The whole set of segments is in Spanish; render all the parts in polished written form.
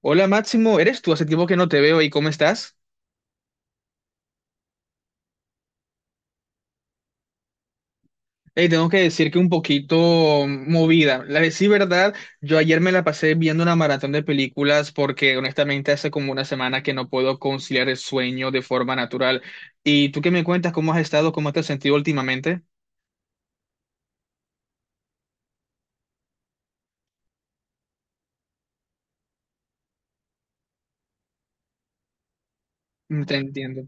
Hola Máximo, ¿eres tú? Hace tiempo que no te veo y ¿cómo estás? Hey, tengo que decir que un poquito movida. La de sí, verdad, yo ayer me la pasé viendo una maratón de películas porque honestamente hace como una semana que no puedo conciliar el sueño de forma natural. ¿Y tú qué me cuentas? ¿Cómo has estado? ¿Cómo te has sentido últimamente? Te entiendo.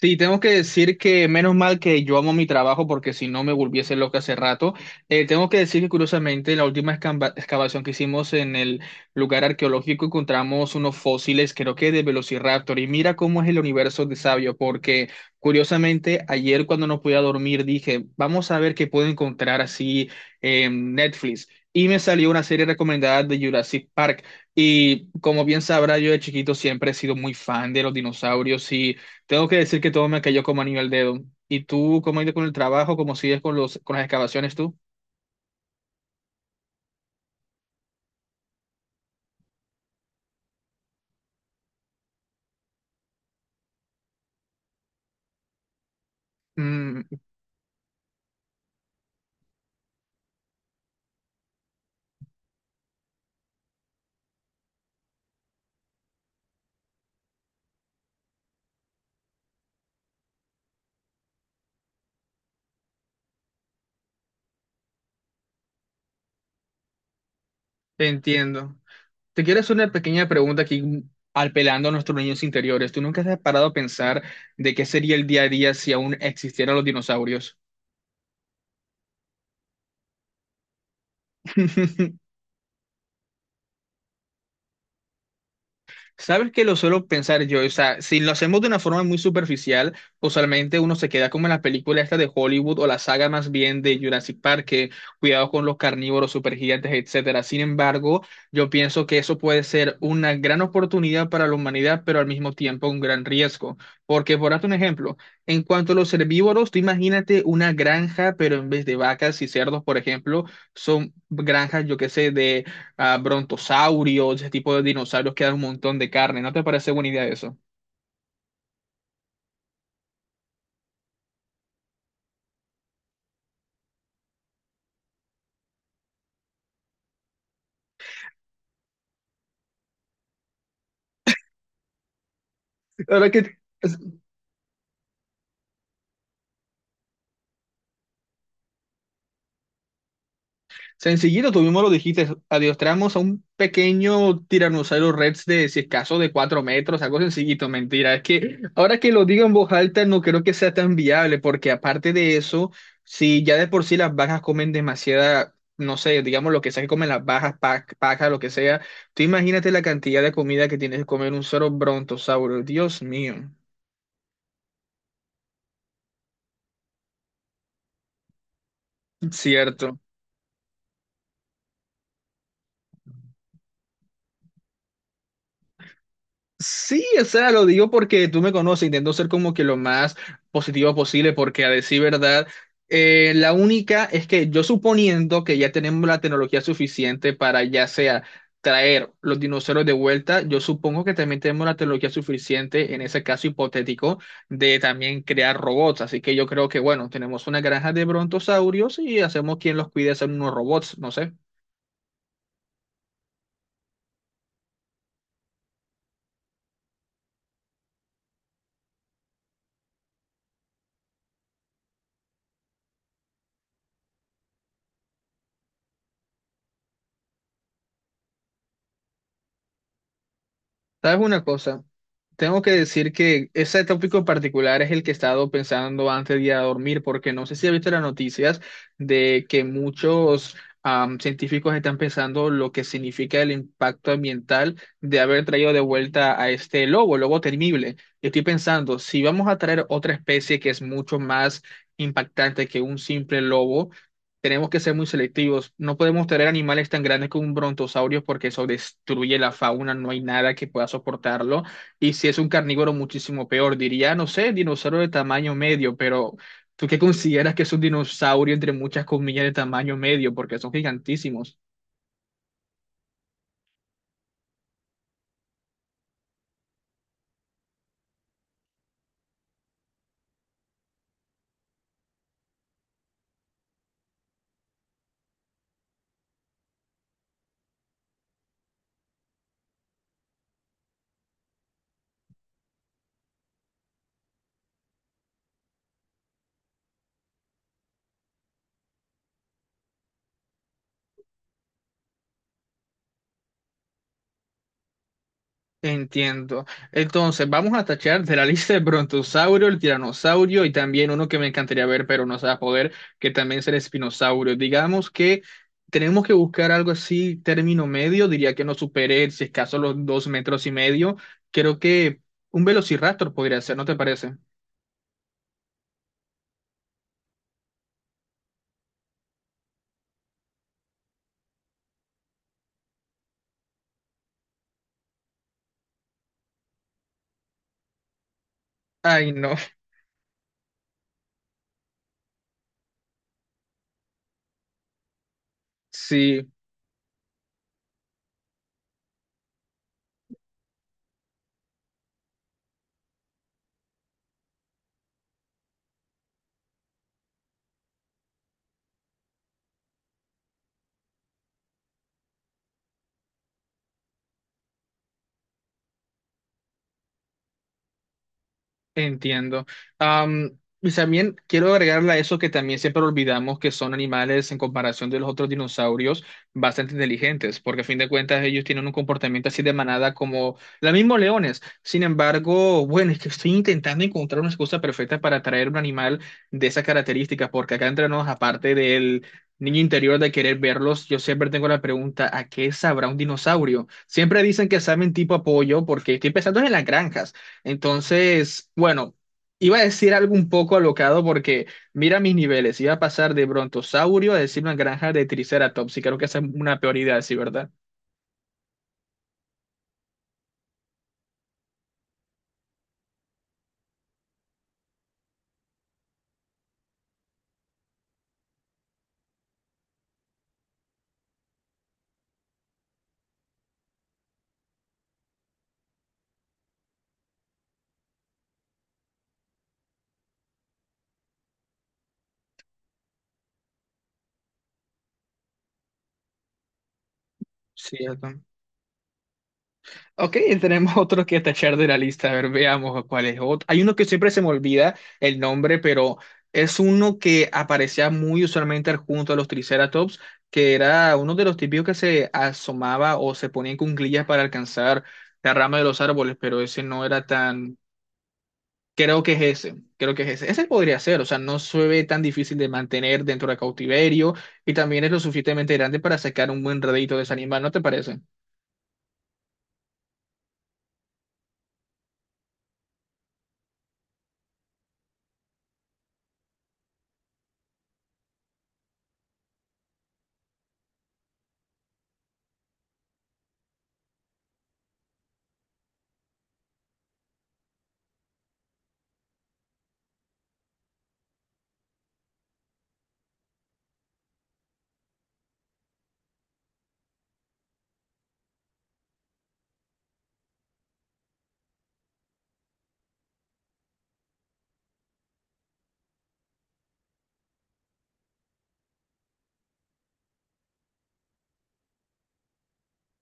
Sí, tengo que decir que menos mal que yo amo mi trabajo porque si no me volviese loca hace rato. Tengo que decir que curiosamente la última excavación que hicimos en el lugar arqueológico encontramos unos fósiles, creo que de Velociraptor. Y mira cómo es el universo de sabio, porque curiosamente ayer cuando no podía dormir dije, vamos a ver qué puedo encontrar así en Netflix. Y me salió una serie recomendada de Jurassic Park. Y como bien sabrá, yo de chiquito siempre he sido muy fan de los dinosaurios y... Tengo que decir que todo me cayó como anillo al dedo. ¿Y tú cómo has ido con el trabajo? ¿Cómo sigues con con las excavaciones tú? Mm, te entiendo. Te quiero hacer una pequeña pregunta aquí, apelando a nuestros niños interiores. ¿Tú nunca te has parado a pensar de qué sería el día a día si aún existieran los dinosaurios? Sabes que lo suelo pensar yo, o sea, si lo hacemos de una forma muy superficial, usualmente uno se queda como en la película esta de Hollywood o la saga más bien de Jurassic Park, que cuidado con los carnívoros, supergigantes, etcétera. Sin embargo, yo pienso que eso puede ser una gran oportunidad para la humanidad, pero al mismo tiempo un gran riesgo. Porque, por darte un ejemplo, en cuanto a los herbívoros, tú imagínate una granja, pero en vez de vacas y cerdos, por ejemplo, son granjas, yo qué sé, de a brontosaurios, ese tipo de dinosaurios que dan un montón de carne. ¿No te parece buena idea eso? La verdad que es- Sencillito, tú mismo lo dijiste, adiestramos a un pequeño tiranosaurio rex de, si es caso, de cuatro metros, algo sencillito, mentira. Es que ahora que lo digo en voz alta, no creo que sea tan viable, porque aparte de eso, si ya de por sí las bajas comen demasiada, no sé, digamos lo que sea que comen las bajas, paja, lo que sea, tú imagínate la cantidad de comida que tienes que comer un solo brontosaurio, Dios mío, cierto. Sí, o sea, lo digo porque tú me conoces, intento ser como que lo más positivo posible, porque a decir verdad, la única es que yo suponiendo que ya tenemos la tecnología suficiente para ya sea traer los dinosaurios de vuelta, yo supongo que también tenemos la tecnología suficiente en ese caso hipotético de también crear robots, así que yo creo que bueno, tenemos una granja de brontosaurios y hacemos quien los cuide hacer unos robots, no sé. ¿Sabes una cosa? Tengo que decir que ese tópico en particular es el que he estado pensando antes de ir a dormir, porque no sé si has visto las noticias de que muchos científicos están pensando lo que significa el impacto ambiental de haber traído de vuelta a este lobo, el lobo temible. Y estoy pensando, si vamos a traer otra especie que es mucho más impactante que un simple lobo, tenemos que ser muy selectivos. No podemos traer animales tan grandes como un brontosaurio porque eso destruye la fauna, no hay nada que pueda soportarlo. Y si es un carnívoro muchísimo peor, diría, no sé, dinosaurio de tamaño medio, pero ¿tú qué consideras que es un dinosaurio entre muchas comillas de tamaño medio? Porque son gigantísimos. Entiendo. Entonces, vamos a tachar de la lista el brontosaurio, el tiranosaurio y también uno que me encantaría ver, pero no se va a poder, que también es el espinosaurio. Digamos que tenemos que buscar algo así, término medio, diría que no supere, si es caso, los dos metros y medio. Creo que un velociraptor podría ser, ¿no te parece? Ay, no. Sí, entiendo. Am, y también quiero agregarle a eso que también siempre olvidamos que son animales en comparación de los otros dinosaurios bastante inteligentes, porque a fin de cuentas ellos tienen un comportamiento así de manada como los mismos leones. Sin embargo, bueno, es que estoy intentando encontrar una excusa perfecta para traer un animal de esas características, porque acá entre nos, aparte del niño interior de querer verlos, yo siempre tengo la pregunta, ¿a qué sabrá un dinosaurio? Siempre dicen que saben tipo apoyo, porque estoy pensando en las granjas. Entonces, bueno, iba a decir algo un poco alocado porque mira mis niveles, iba a pasar de brontosaurio a decir una granja de triceratops y creo que esa es una peor idea, sí, ¿verdad? Cierto. Ok, tenemos otro que tachar de la lista, a ver, veamos cuál es otro. Hay uno que siempre se me olvida el nombre, pero es uno que aparecía muy usualmente junto a los triceratops, que era uno de los típicos que se asomaba o se ponía en cuclillas para alcanzar la rama de los árboles, pero ese no era tan Creo que es ese, creo que es ese. Ese podría ser, o sea, no se ve tan difícil de mantener dentro de cautiverio y también es lo suficientemente grande para sacar un buen redito de ese animal, ¿no te parece?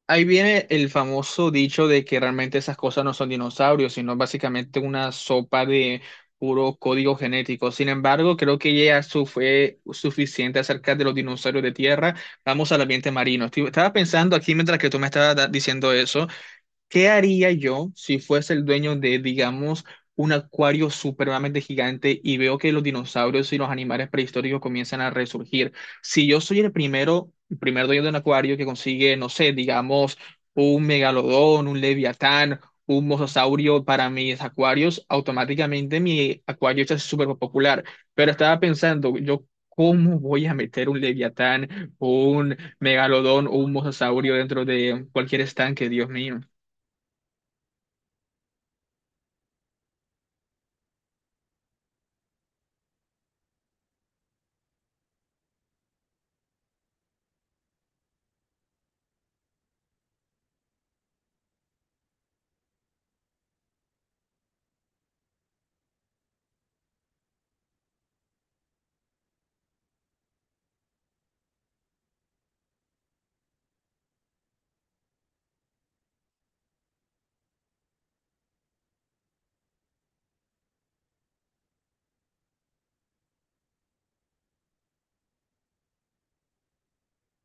Ahí viene el famoso dicho de que realmente esas cosas no son dinosaurios, sino básicamente una sopa de puro código genético. Sin embargo, creo que ya su fue suficiente acerca de los dinosaurios de tierra. Vamos al ambiente marino. Estaba pensando aquí mientras que tú me estabas diciendo eso. ¿Qué haría yo si fuese el dueño de, digamos, un acuario supremamente gigante y veo que los dinosaurios y los animales prehistóricos comienzan a resurgir? Si yo soy el primero, el primer dueño de un acuario que consigue, no sé, digamos, un megalodón, un leviatán, un mosasaurio para mis acuarios, automáticamente mi acuario es súper popular. Pero estaba pensando, yo, ¿cómo voy a meter un leviatán, un megalodón o un mosasaurio dentro de cualquier estanque? Dios mío.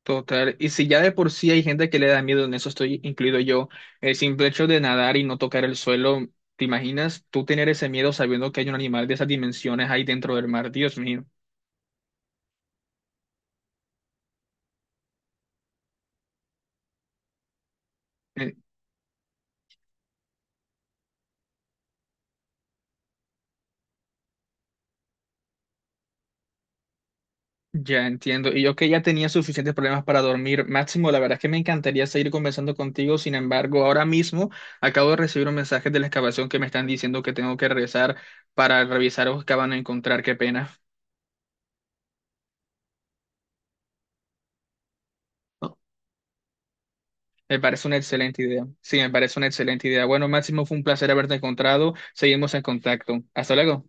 Total, y si ya de por sí hay gente que le da miedo, en eso estoy incluido yo, el simple hecho de nadar y no tocar el suelo, ¿te imaginas tú tener ese miedo sabiendo que hay un animal de esas dimensiones ahí dentro del mar? Dios mío, Eh, ya entiendo. Y yo que ya tenía suficientes problemas para dormir. Máximo, la verdad es que me encantaría seguir conversando contigo, sin embargo, ahora mismo acabo de recibir un mensaje de la excavación que me están diciendo que tengo que regresar para revisar o que van a encontrar, qué pena. Me parece una excelente idea. Sí, me parece una excelente idea. Bueno, Máximo, fue un placer haberte encontrado. Seguimos en contacto. Hasta luego.